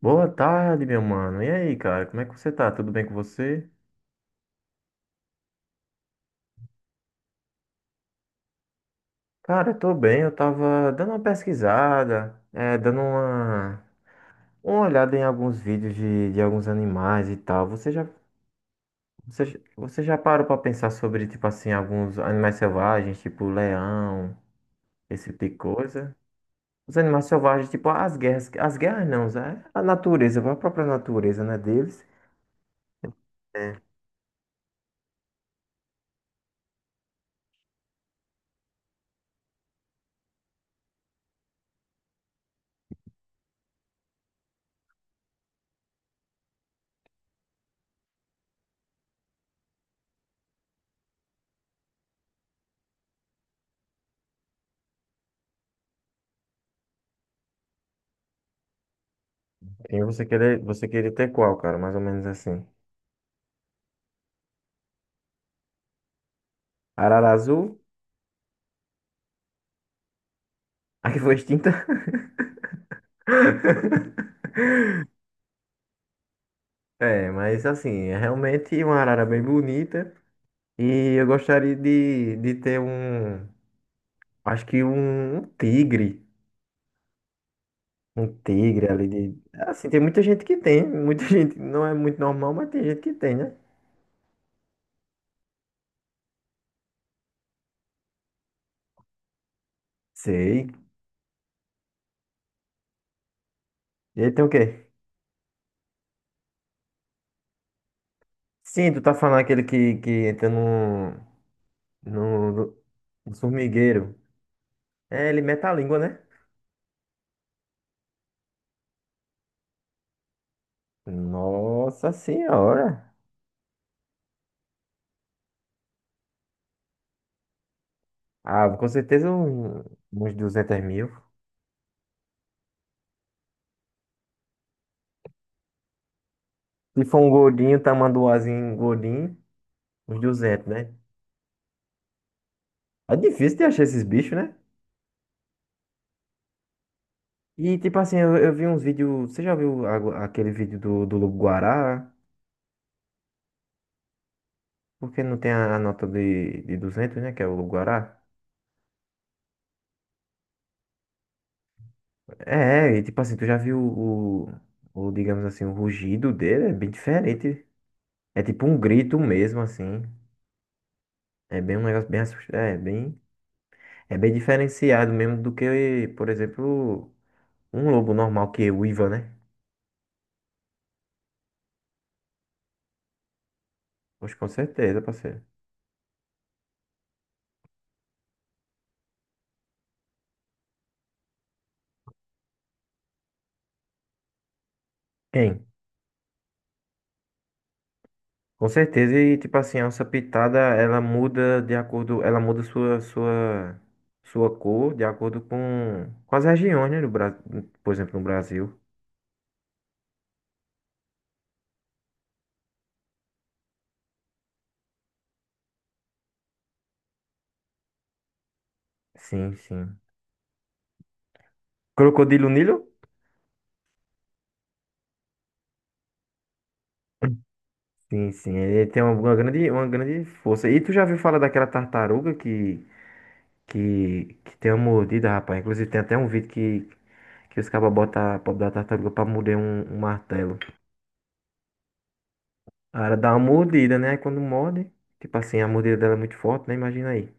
Boa tarde, meu mano. E aí, cara, como é que você tá? Tudo bem com você? Cara, eu tô bem. Eu tava dando uma pesquisada, é, dando uma olhada em alguns vídeos de alguns animais e tal. Você já parou pra pensar sobre, tipo assim, alguns animais selvagens, tipo leão, esse tipo de coisa? Os animais selvagens, tipo as guerras não, é a natureza, a própria natureza, né, deles. É. Quem você querer, você queria ter qual, cara? Mais ou menos assim. Arara azul, aí foi extinta. É, mas assim, é realmente uma arara bem bonita. E eu gostaria de ter um, acho que um tigre. Um tigre ali de. Assim, tem muita gente que tem. Muita gente, não é muito normal, mas tem gente que tem, né? Sei. E aí tem o quê? Sim, tu tá falando aquele que entra no, no, no formigueiro. É, ele mete a língua, né? Nossa senhora. Ah, com certeza uns 200.000. Se for um gordinho, tamanduazinho, gordinho, uns 200, né? É difícil de achar esses bichos, né? E, tipo assim, eu vi uns vídeos. Você já viu aquele vídeo do Lobo-Guará? Porque não tem a nota de 200, né? Que é o Lobo-Guará. E, tipo assim, tu já viu o, digamos assim, o rugido dele? É bem diferente. É tipo um grito mesmo, assim. É bem um negócio bem assustador. É bem diferenciado mesmo do que, por exemplo, um lobo normal que é uiva, né? Pois com certeza, parceiro. Tem, com certeza. E tipo assim, a onça pitada, ela muda de acordo, ela muda sua cor de acordo com as, regiões, né, do Brasil, por exemplo, no Brasil. Sim, sim. Crocodilo Nilo? Sim, sim. Ele tem uma grande força. E tu já viu falar daquela tartaruga que tem uma mordida, rapaz? Inclusive tem até um vídeo que os cabas botam a pobre da tartaruga pra morder um martelo. A Ela dá uma mordida, né? Aí quando morde, tipo assim, a mordida dela é muito forte, né? Imagina aí.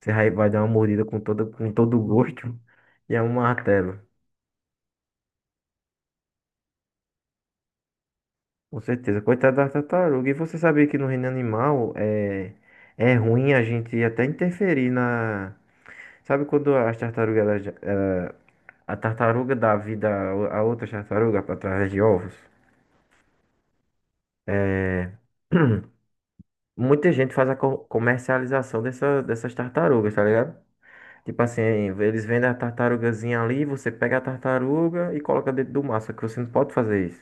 Você vai dar uma mordida com todo o gosto e é um martelo. Com certeza. Coitada da tartaruga. E você sabia que no reino animal é ruim a gente até interferir na. Sabe quando as tartarugas, a tartaruga dá vida a outra tartaruga através de ovos? É. Muita gente faz a comercialização dessas tartarugas, tá ligado? Tipo assim, eles vendem a tartarugazinha ali, você pega a tartaruga e coloca dentro do mar, só que você não pode fazer isso.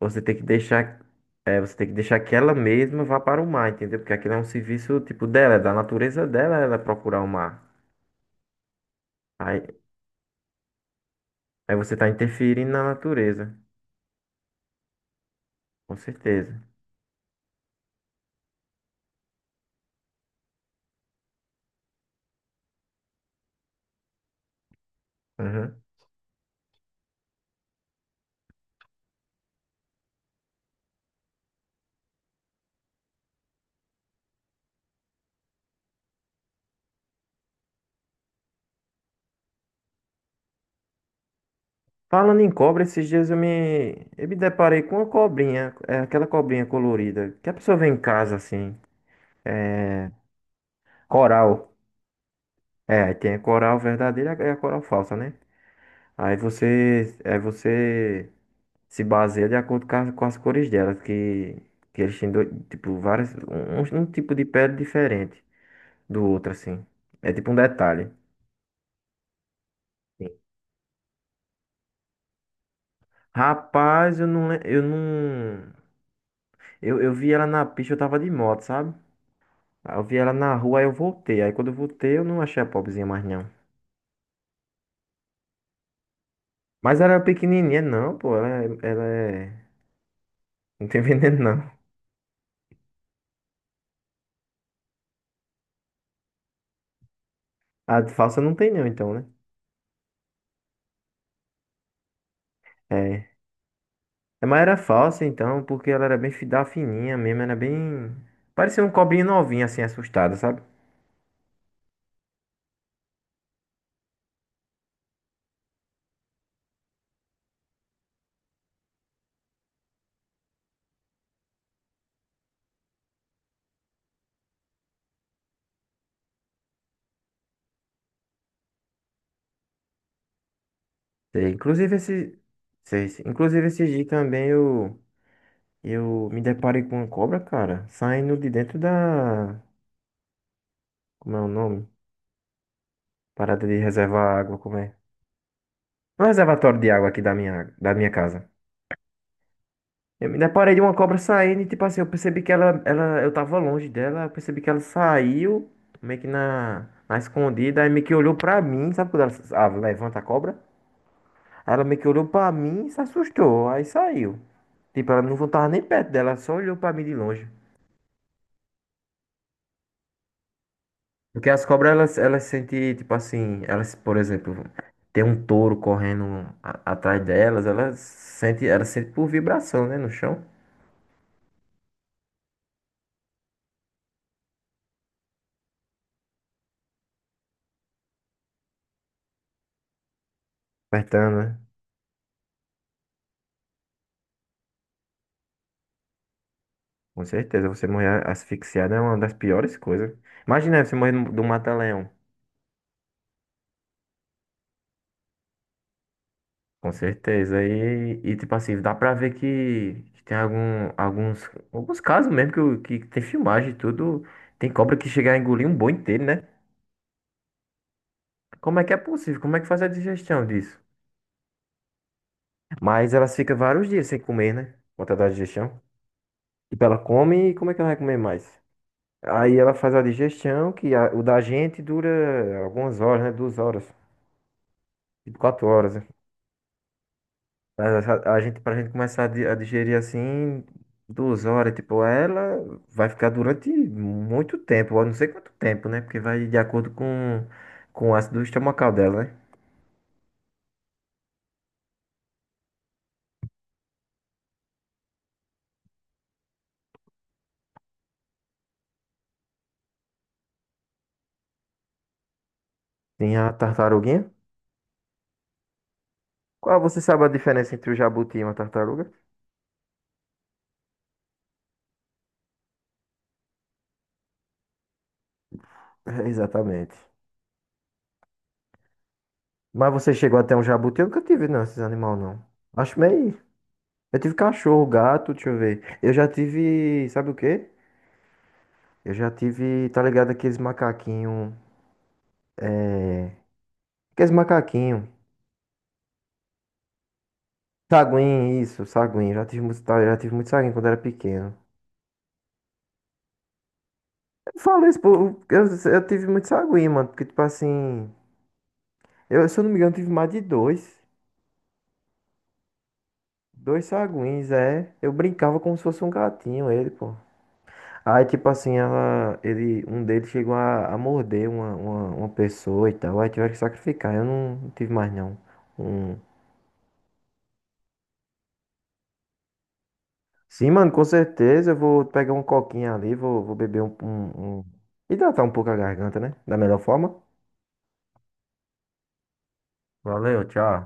Você tem que deixar, você tem que deixar que ela mesma vá para o mar, entendeu? Porque aquilo é um serviço tipo dela, é da natureza dela ela procurar o mar. Aí, aí você tá interferindo na natureza, com certeza. Uhum. Falando em cobra, esses dias eu me deparei com uma cobrinha, é aquela cobrinha colorida, que a pessoa vê em casa assim, coral. É, aí tem a coral verdadeira e a coral falsa, né? Aí você se baseia de acordo com as, cores delas, que eles têm dois, tipo, várias, um tipo de pele diferente do outro, assim. É tipo um detalhe. Sim. Rapaz, eu não, le- eu não, eu vi ela na pista, eu tava de moto, sabe? Aí eu vi ela na rua, aí eu voltei. Aí quando eu voltei, eu não achei a pobrezinha mais, não. Mas ela é pequenininha, não, pô, ela, ela é, não tem veneno, não. A falsa não tem, não, então, né? É. É, mas era falsa então, porque ela era bem da fininha mesmo, era bem. Parecia um cobrinho novinho, assim, assustado, sabe? Sei, inclusive esse. Sei. Inclusive esse dia também eu. Eu me deparei com uma cobra, cara, saindo de dentro da. Como é o nome? Parada de reservar água, como é? No reservatório de água aqui da minha casa. Eu me deparei de uma cobra saindo e, tipo assim, eu percebi que eu tava longe dela, eu percebi que ela saiu, meio que na escondida, aí meio que olhou pra mim, sabe quando ela ah, levanta a cobra? Aí ela meio que olhou pra mim e se assustou, aí saiu. Tipo, ela não tava nem perto dela, ela só olhou pra mim de longe. Porque as cobras, elas sentem, tipo assim, elas, por exemplo, tem um touro correndo atrás delas, elas sentem por vibração, né, no chão, apertando, né? Com certeza, você morrer asfixiado é uma das piores coisas. Imagina aí, você morrer do mata-leão. Com certeza. E tipo assim, dá pra ver que tem alguns casos mesmo que tem filmagem e tudo. Tem cobra que chega a engolir um boi inteiro, né? Como é que é possível? Como é que faz a digestão disso? Mas elas ficam vários dias sem comer, né? Por conta da digestão. Tipo, ela come e como é que ela vai comer mais? Aí ela faz a digestão, que o da gente dura algumas horas, né? 2 horas, tipo 4 horas. Né? Mas pra gente começar a digerir assim, 2 horas, tipo, ela vai ficar durante muito tempo, eu não sei quanto tempo, né? Porque vai de acordo com o ácido estomacal dela, né? Tem a tartaruguinha. Qual você sabe a diferença entre o jabuti e uma tartaruga? É, exatamente. Mas você chegou até um jabuti? Eu nunca tive, não, esses animais, não. Acho meio. Eu tive cachorro, gato, deixa eu ver. Eu já tive. Sabe o quê? Eu já tive, tá ligado, aqueles macaquinhos. Aqueles macaquinhos. Saguinho, isso, saguinho. Já tive muito, tá, já tive muito saguinho quando era pequeno. Eu falo isso, pô, eu tive muito saguinho, mano. Porque, tipo assim, eu, se eu não me engano, tive mais de dois. Dois saguinhos, é. Eu brincava como se fosse um gatinho, ele, pô. Aí, tipo assim, ela, ele, um deles chegou a morder uma pessoa e tal. Aí tiveram que sacrificar. Eu não, não tive mais, não. Um... Sim, mano, com certeza. Eu vou pegar um coquinho ali, vou beber um, um, um. Hidratar um pouco a garganta, né? Da melhor forma. Valeu, tchau.